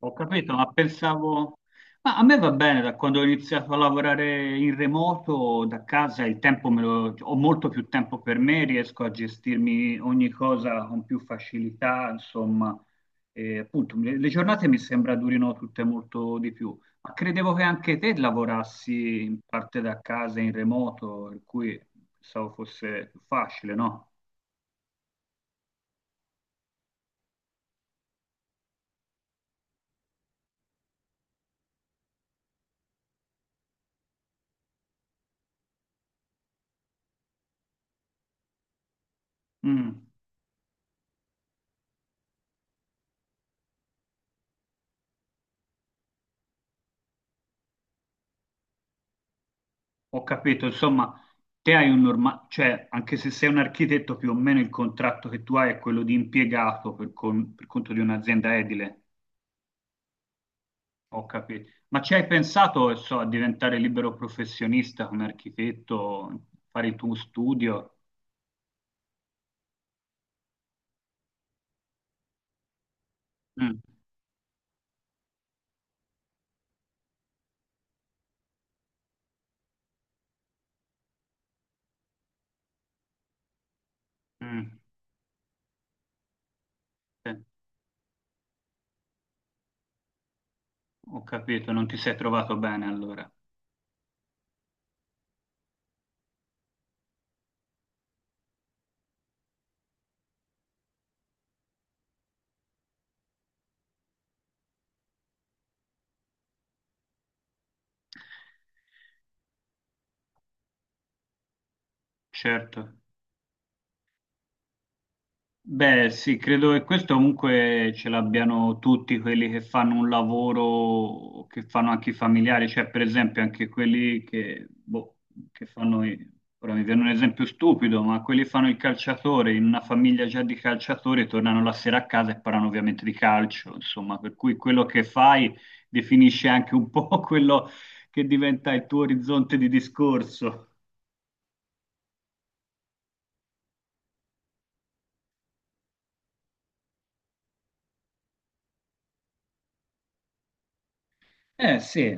Ho capito, ma pensavo. Ma a me va bene, da quando ho iniziato a lavorare in remoto, da casa, il tempo ho molto più tempo per me, riesco a gestirmi ogni cosa con più facilità, insomma. E, appunto, le giornate mi sembra durino tutte molto di più. Ma credevo che anche te lavorassi in parte da casa, in remoto, per cui pensavo fosse più facile, no? Mm. Ho capito, insomma, te hai un normale, cioè anche se sei un architetto, più o meno il contratto che tu hai è quello di impiegato per conto di un'azienda edile. Ho capito. Ma ci hai pensato, so, a diventare libero professionista come architetto, fare il tuo studio? Mm. Mm. Sì, ho capito, non ti sei trovato bene allora. Certo. Beh, sì, credo che questo comunque ce l'abbiano tutti quelli che fanno un lavoro, o che fanno anche i familiari, cioè per esempio anche quelli che, boh, che fanno, ora mi viene un esempio stupido, ma quelli che fanno il calciatore in una famiglia già di calciatori tornano la sera a casa e parlano ovviamente di calcio, insomma, per cui quello che fai definisce anche un po' quello che diventa il tuo orizzonte di discorso. Eh sì.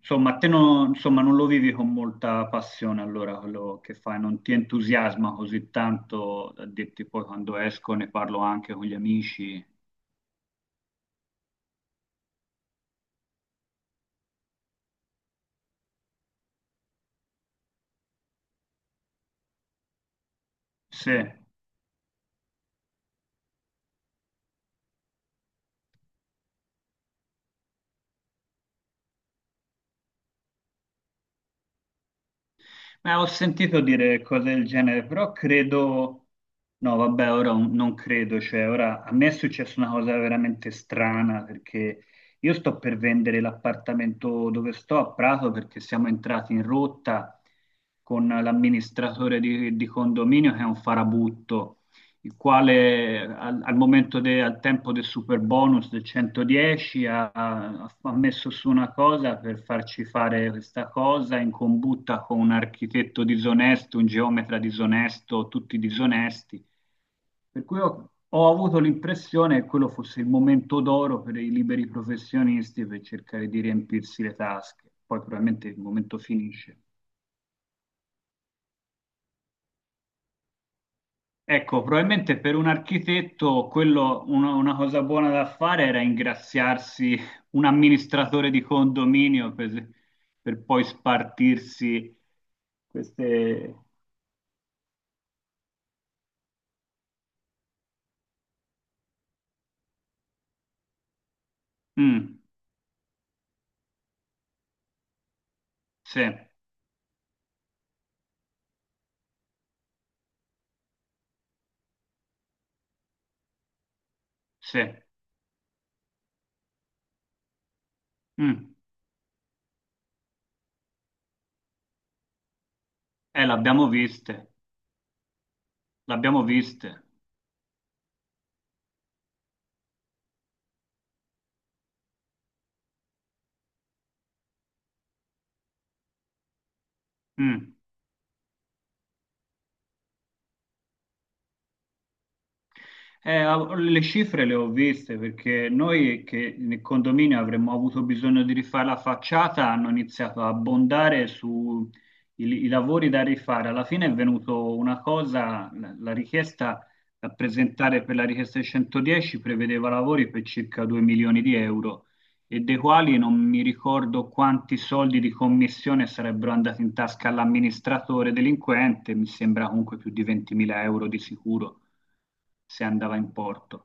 Insomma, a te non, insomma, non lo vivi con molta passione allora quello che fai, non ti entusiasma così tanto da dirti poi quando esco ne parlo anche con gli amici. Sì, ma ho sentito dire cose del genere, però credo, no vabbè, ora non credo, cioè ora a me è successa una cosa veramente strana perché io sto per vendere l'appartamento dove sto a Prato perché siamo entrati in rotta con l'amministratore di condominio che è un farabutto. Il quale al tempo del super bonus del 110 ha messo su una cosa per farci fare questa cosa in combutta con un architetto disonesto, un geometra disonesto, tutti disonesti. Per cui ho avuto l'impressione che quello fosse il momento d'oro per i liberi professionisti per cercare di riempirsi le tasche. Poi probabilmente il momento finisce. Ecco, probabilmente per un architetto quello, una cosa buona da fare era ingraziarsi un amministratore di condominio per poi spartirsi queste. Mm. Sì, sì. Mm. L'abbiamo viste, l'abbiamo viste. Mm. Le cifre le ho viste perché noi che nel condominio avremmo avuto bisogno di rifare la facciata, hanno iniziato a abbondare sui i lavori da rifare. Alla fine è venuto una cosa, la richiesta da presentare per la richiesta di 110 prevedeva lavori per circa 2 milioni di euro e dei quali non mi ricordo quanti soldi di commissione sarebbero andati in tasca all'amministratore delinquente, mi sembra comunque più di 20.000 euro di sicuro se andava in porto.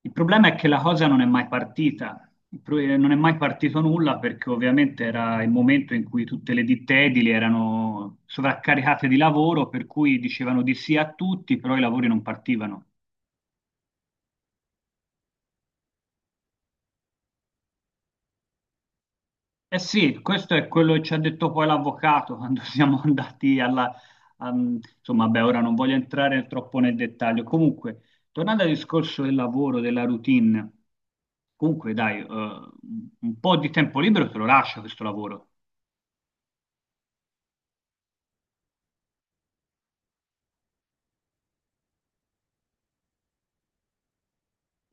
Il problema è che la cosa non è mai partita, non è mai partito nulla perché ovviamente era il momento in cui tutte le ditte edili erano sovraccaricate di lavoro, per cui dicevano di sì a tutti, però i lavori non partivano. Eh sì, questo è quello che ci ha detto poi l'avvocato quando siamo andati alla... am- insomma, beh, ora non voglio entrare troppo nel dettaglio. Comunque, tornando al discorso del lavoro, della routine, comunque dai, un po' di tempo libero te lo lascia questo lavoro.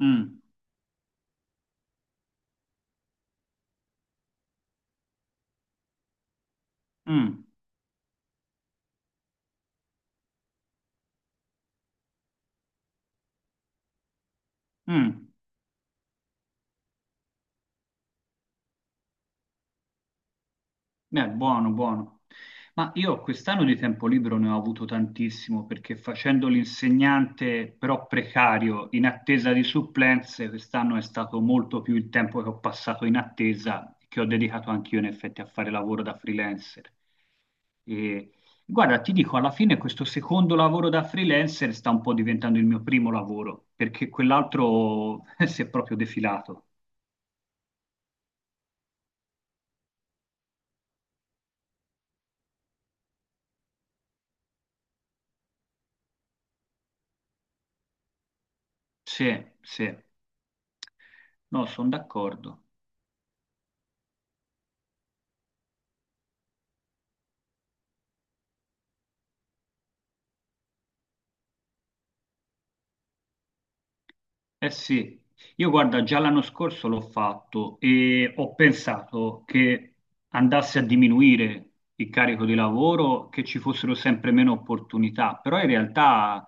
Mm. Mm. Mm. Buono, buono. Ma io quest'anno di tempo libero ne ho avuto tantissimo perché facendo l'insegnante però precario in attesa di supplenze, quest'anno è stato molto più il tempo che ho passato in attesa, che ho dedicato anch'io in effetti a fare lavoro da freelancer. E, guarda, ti dico, alla fine questo secondo lavoro da freelancer sta un po' diventando il mio primo lavoro, perché quell'altro si è proprio defilato. Sì, sì. No, sono d'accordo. Eh sì, io guarda, già l'anno scorso l'ho fatto e ho pensato che andasse a diminuire il carico di lavoro, che ci fossero sempre meno opportunità, però in realtà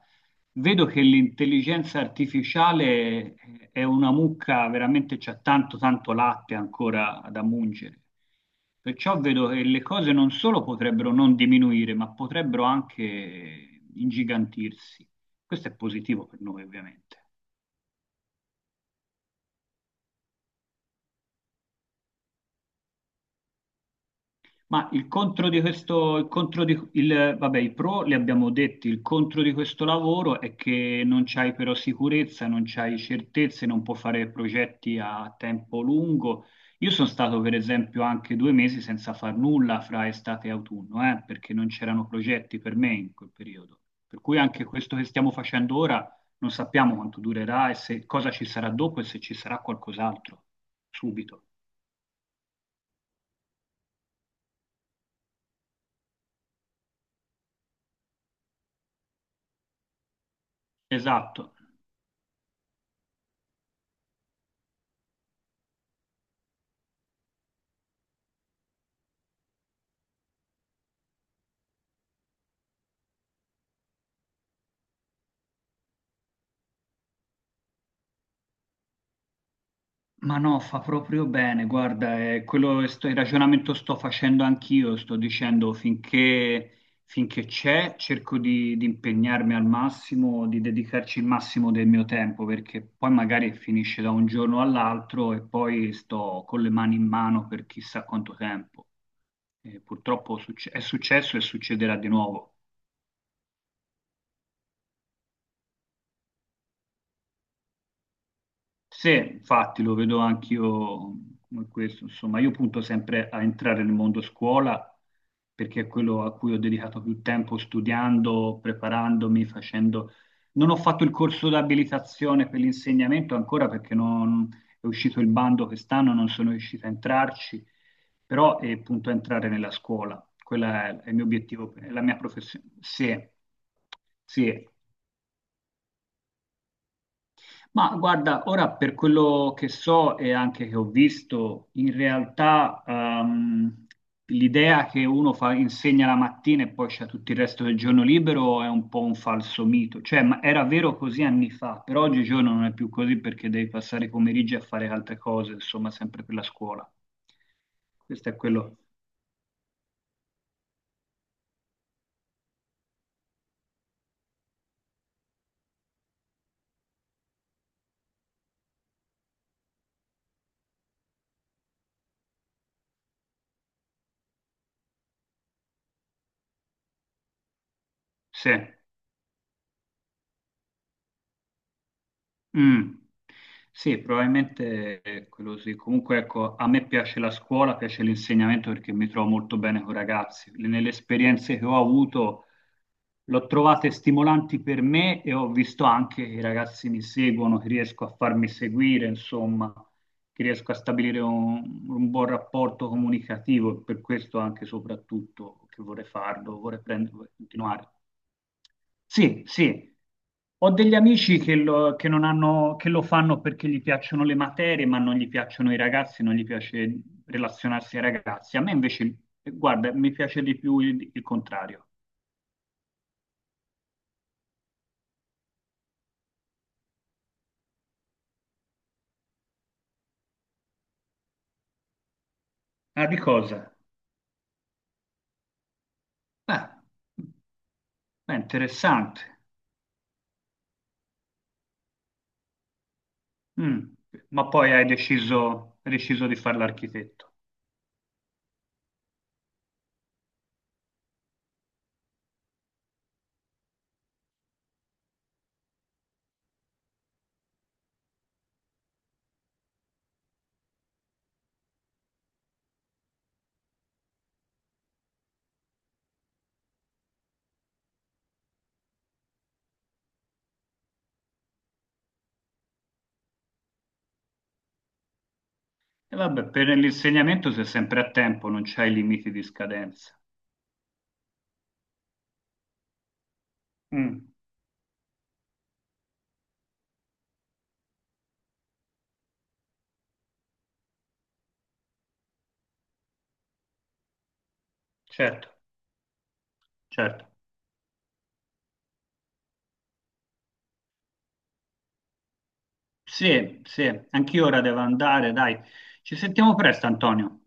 vedo che l'intelligenza artificiale è una mucca, veramente c'è tanto tanto latte ancora da mungere. Perciò vedo che le cose non solo potrebbero non diminuire, ma potrebbero anche ingigantirsi. Questo è positivo per noi, ovviamente. Ma il contro di questo, il contro di, il, vabbè, i pro li abbiamo detti, il contro di questo lavoro è che non c'hai però sicurezza, non c'hai certezze, non puoi fare progetti a tempo lungo. Io sono stato per esempio anche due mesi senza far nulla fra estate e autunno, perché non c'erano progetti per me in quel periodo. Per cui anche questo che stiamo facendo ora non sappiamo quanto durerà e se, cosa ci sarà dopo e se ci sarà qualcos'altro subito. Esatto. Ma no, fa proprio bene, guarda, è quello, il ragionamento sto facendo anch'io, sto dicendo finché, finché c'è cerco di impegnarmi al massimo, di dedicarci il massimo del mio tempo, perché poi magari finisce da un giorno all'altro e poi sto con le mani in mano per chissà quanto tempo. E purtroppo è successo e succederà di nuovo. Sì, infatti lo vedo anch'io come questo, insomma, io punto sempre a entrare nel mondo scuola perché è quello a cui ho dedicato più tempo studiando, preparandomi, facendo. Non ho fatto il corso di abilitazione per l'insegnamento ancora perché non è uscito il bando quest'anno, non sono riuscito a entrarci, però punto a entrare nella scuola, quello è il mio obiettivo, è la mia professione. Sì, sì. Ma guarda, ora per quello che so e anche che ho visto, in realtà l'idea che uno insegna la mattina e poi c'è tutto il resto del giorno libero è un po' un falso mito. Cioè, ma era vero così anni fa, però oggigiorno non è più così perché devi passare i pomeriggi a fare altre cose, insomma, sempre per la scuola. Questo è quello. Sì. Mm. Sì, probabilmente ecco, è quello sì. Comunque, ecco, a me piace la scuola, piace l'insegnamento perché mi trovo molto bene con i ragazzi. Nelle esperienze che ho avuto, l'ho trovate stimolanti per me e ho visto anche che i ragazzi mi seguono, che riesco a farmi seguire, insomma, che riesco a stabilire un buon rapporto comunicativo. E per questo anche e soprattutto che vorrei farlo, vorrei prendere, vorrei continuare. Sì, sì. Ho degli amici che lo, che non hanno- che lo fanno perché gli piacciono le materie, ma non gli piacciono i ragazzi, non gli piace relazionarsi ai ragazzi. A me invece, guarda, mi piace di più il contrario. Ah, di cosa? Beh, beh, interessante. Mm. Ma poi hai deciso di fare l'architetto. E vabbè, per l'insegnamento sei sempre a tempo, non c'hai limiti di scadenza. Mm. Certo, certo. Sì, sì, anch'io ora devo andare, dai. Ci sentiamo presto, Antonio.